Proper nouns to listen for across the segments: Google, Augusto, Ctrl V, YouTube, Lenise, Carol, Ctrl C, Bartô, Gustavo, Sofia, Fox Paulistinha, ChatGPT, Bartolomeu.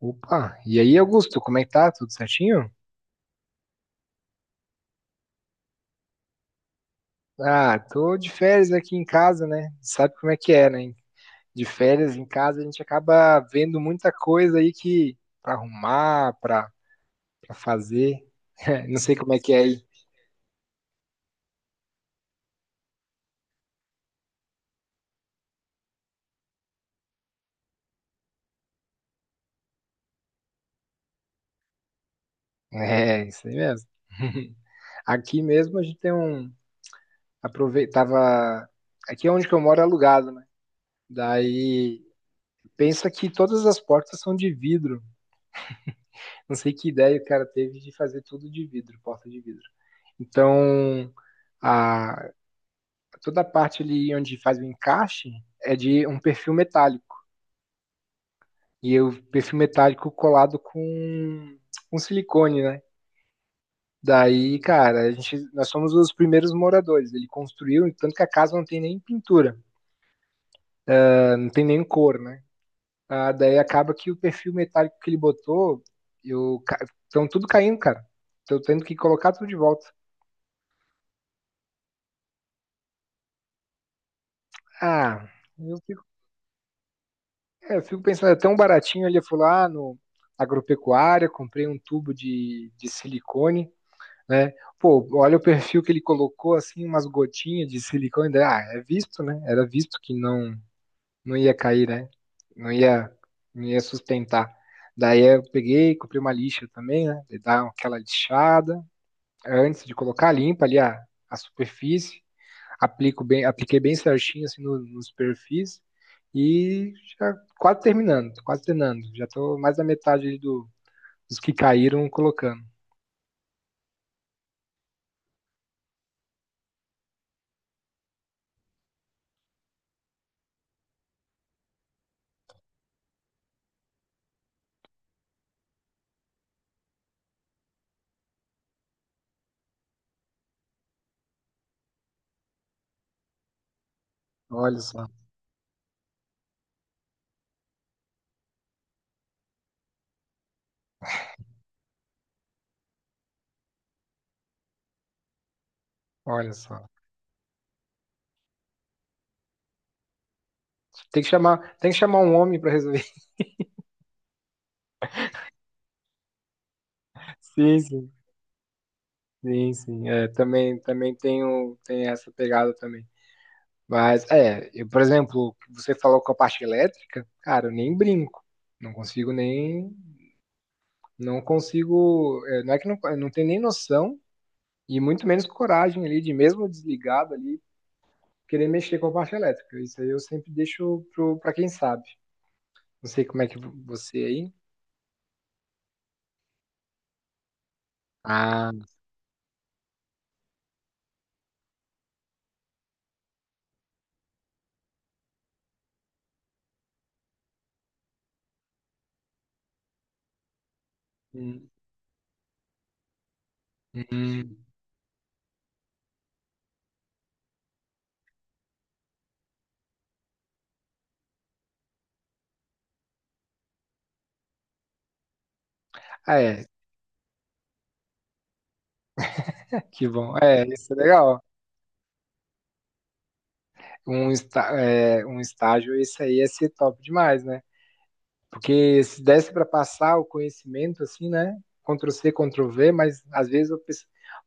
Opa, e aí, Augusto, como é que tá? Tudo certinho? Ah, tô de férias aqui em casa, né? Sabe como é que é, né? De férias em casa a gente acaba vendo muita coisa aí que pra arrumar, pra fazer. Não sei como é que é aí. É, isso aí mesmo. Aqui mesmo a gente tem um. Aproveitava. Aqui é onde que eu moro é alugado, né? Daí pensa que todas as portas são de vidro. Não sei que ideia o cara teve de fazer tudo de vidro, porta de vidro. Então, a, toda a parte ali onde faz o encaixe é de um perfil metálico. E o perfil metálico colado com silicone, né? Daí, cara, a gente, nós somos os primeiros moradores. Ele construiu, tanto que a casa não tem nem pintura, não tem nem cor, né? Ah, daí acaba que o perfil metálico que ele botou, eu, ca- tudo caindo, cara. Tô tendo que colocar tudo de volta. Ah, eu fico. É, eu fico pensando, é tão baratinho. Ele foi lá no agropecuária, comprei um tubo de silicone, né? Pô, olha o perfil que ele colocou, assim, umas gotinhas de silicone. Daí, ah, é visto, né? Era visto que não ia cair, né? Não ia, não ia sustentar. Daí eu peguei, comprei uma lixa também, né? Daí dá aquela lixada antes de colocar, limpa ali a superfície, aplico bem, apliquei bem certinho assim nos perfis e já quase terminando, quase terminando. Já tô mais da metade ali dos que caíram colocando. Olha só, olha só. Tem que chamar um homem para resolver. Sim, sim, sim, sim. É, também, tem essa pegada também. Mas é, eu, por exemplo, você falou com a parte elétrica, cara, eu nem brinco. Não consigo nem, não consigo, é, não é que não, eu não tenho nem noção. E muito menos coragem ali de mesmo desligado ali querer mexer com a parte elétrica. Isso aí eu sempre deixo pra quem sabe. Não sei como é que você aí. Ah, hum, hum. Ah, é, que bom. É, isso é legal. Um estágio, isso aí é ser top demais, né? Porque se desse para passar o conhecimento, assim, né? Ctrl C, Ctrl V, mas às vezes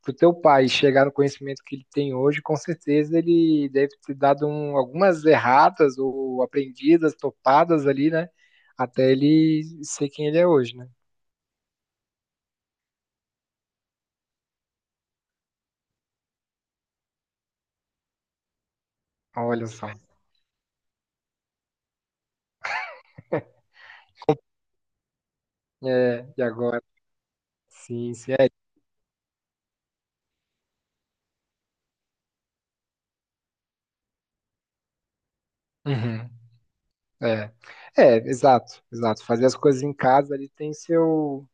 para o teu pai chegar no conhecimento que ele tem hoje, com certeza ele deve ter dado um, algumas erratas ou aprendidas, topadas ali, né? Até ele ser quem ele é hoje, né? Olha só. É, e agora? Sim, sim, é. Uhum. É, é, exato, exato. Fazer as coisas em casa ali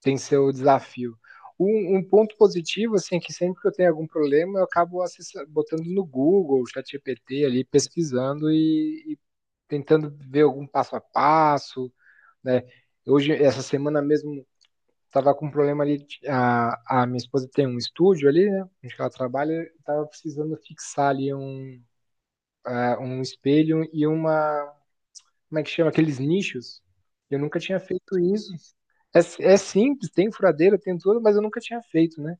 tem seu desafio. Ponto positivo, assim, é que sempre que eu tenho algum problema, eu acabo botando no Google, ChatGPT ali, pesquisando e tentando ver algum passo a passo, né? Hoje, essa semana mesmo, estava com um problema ali, de- a minha esposa tem um estúdio ali, né, onde que ela trabalha, estava precisando fixar ali um, ah, um espelho e uma, como é que chama, aqueles nichos. Eu nunca tinha feito isso. É, é simples, tem furadeira, tem tudo, mas eu nunca tinha feito, né?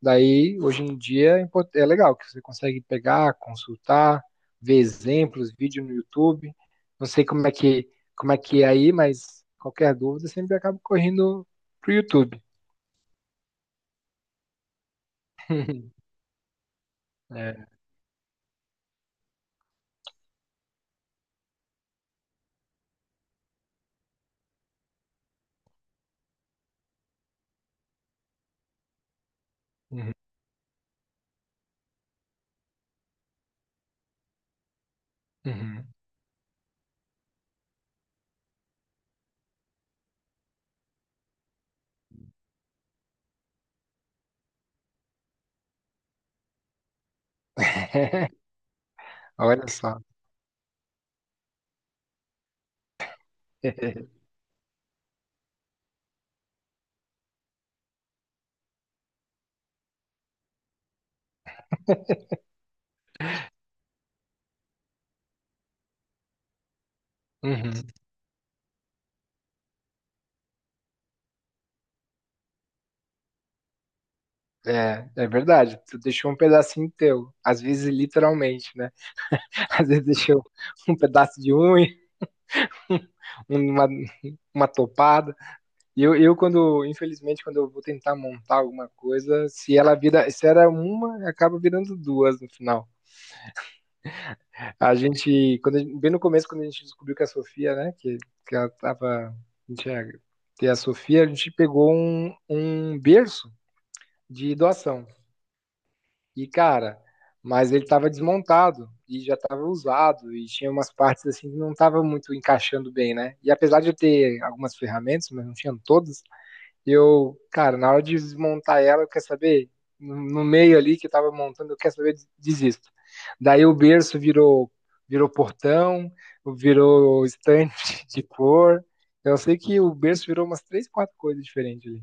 Daí, hoje em dia, é legal que você consegue pegar, consultar, ver exemplos, vídeo no YouTube. Não sei como é que é aí, mas qualquer dúvida sempre acabo correndo pro YouTube. É. Uhum. Uhum. Olha só. Uhum. É, é verdade. Tu deixou um pedacinho teu, às vezes literalmente, né? Às vezes deixou um pedaço de unha, uma, uma topada. E quando, infelizmente, quando eu vou tentar montar alguma coisa, se ela vira, se era uma, acaba virando duas no final. A gente- bem no começo, quando a gente descobriu que a Sofia, né, que ela tava, a gente ia ter a Sofia, a gente pegou um berço de doação. E, cara, mas ele tava desmontado e já tava usado e tinha umas partes assim que não tava muito encaixando bem, né? E apesar de eu ter algumas ferramentas, mas não tinham todas, eu, cara, na hora de desmontar ela, quer saber? No no meio ali que eu tava montando, eu quero saber, desisto. Daí o berço virou, virou portão, virou estante de cor. Eu sei que o berço virou umas três, quatro coisas diferentes ali.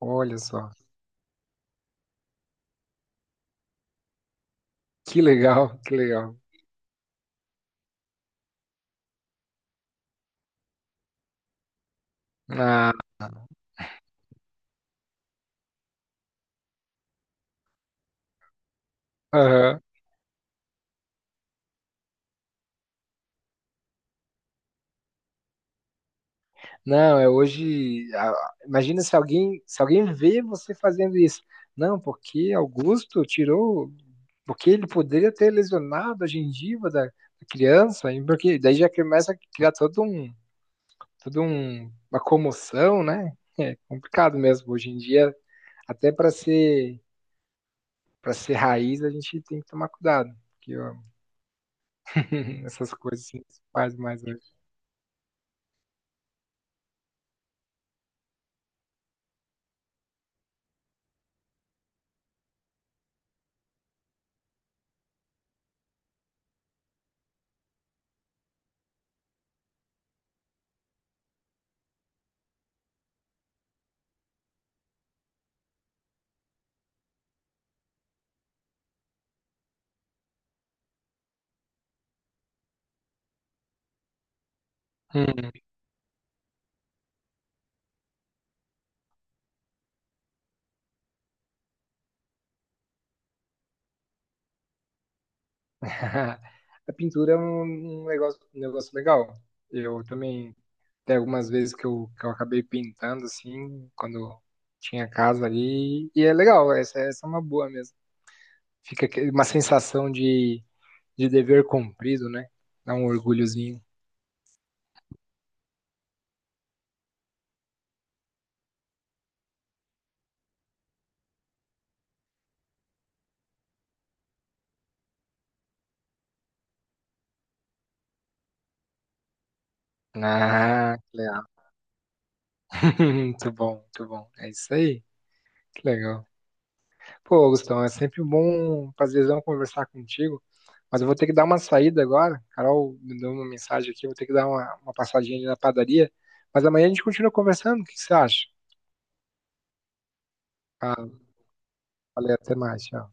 Olha só, que legal, que legal. Ah, aham. Não, é hoje. Ah, imagina se alguém, se alguém vê você fazendo isso. Não, porque Augusto tirou, porque ele poderia ter lesionado a gengiva da criança, e porque daí já começa a criar todo um, uma comoção, né? É complicado mesmo hoje em dia, até para ser raiz, a gente tem que tomar cuidado, porque ó, essas coisas assim, se faz mais hoje. Hum. A pintura é um negócio, um negócio legal. Eu também tem algumas vezes que que eu acabei pintando, assim, quando tinha casa ali. E é legal, essa é uma boa mesmo. Fica aquele- uma sensação de dever cumprido, né? Dá um orgulhozinho. Ah, que legal. Muito bom, muito bom. É isso aí. Que legal. Pô, Gustavo, é sempre bom, prazerzão conversar contigo. Mas eu vou ter que dar uma saída agora. Carol me deu uma mensagem aqui, eu vou ter que dar uma passadinha ali na padaria. Mas amanhã a gente continua conversando. O que que você acha? Ah, valeu, até mais. Tchau.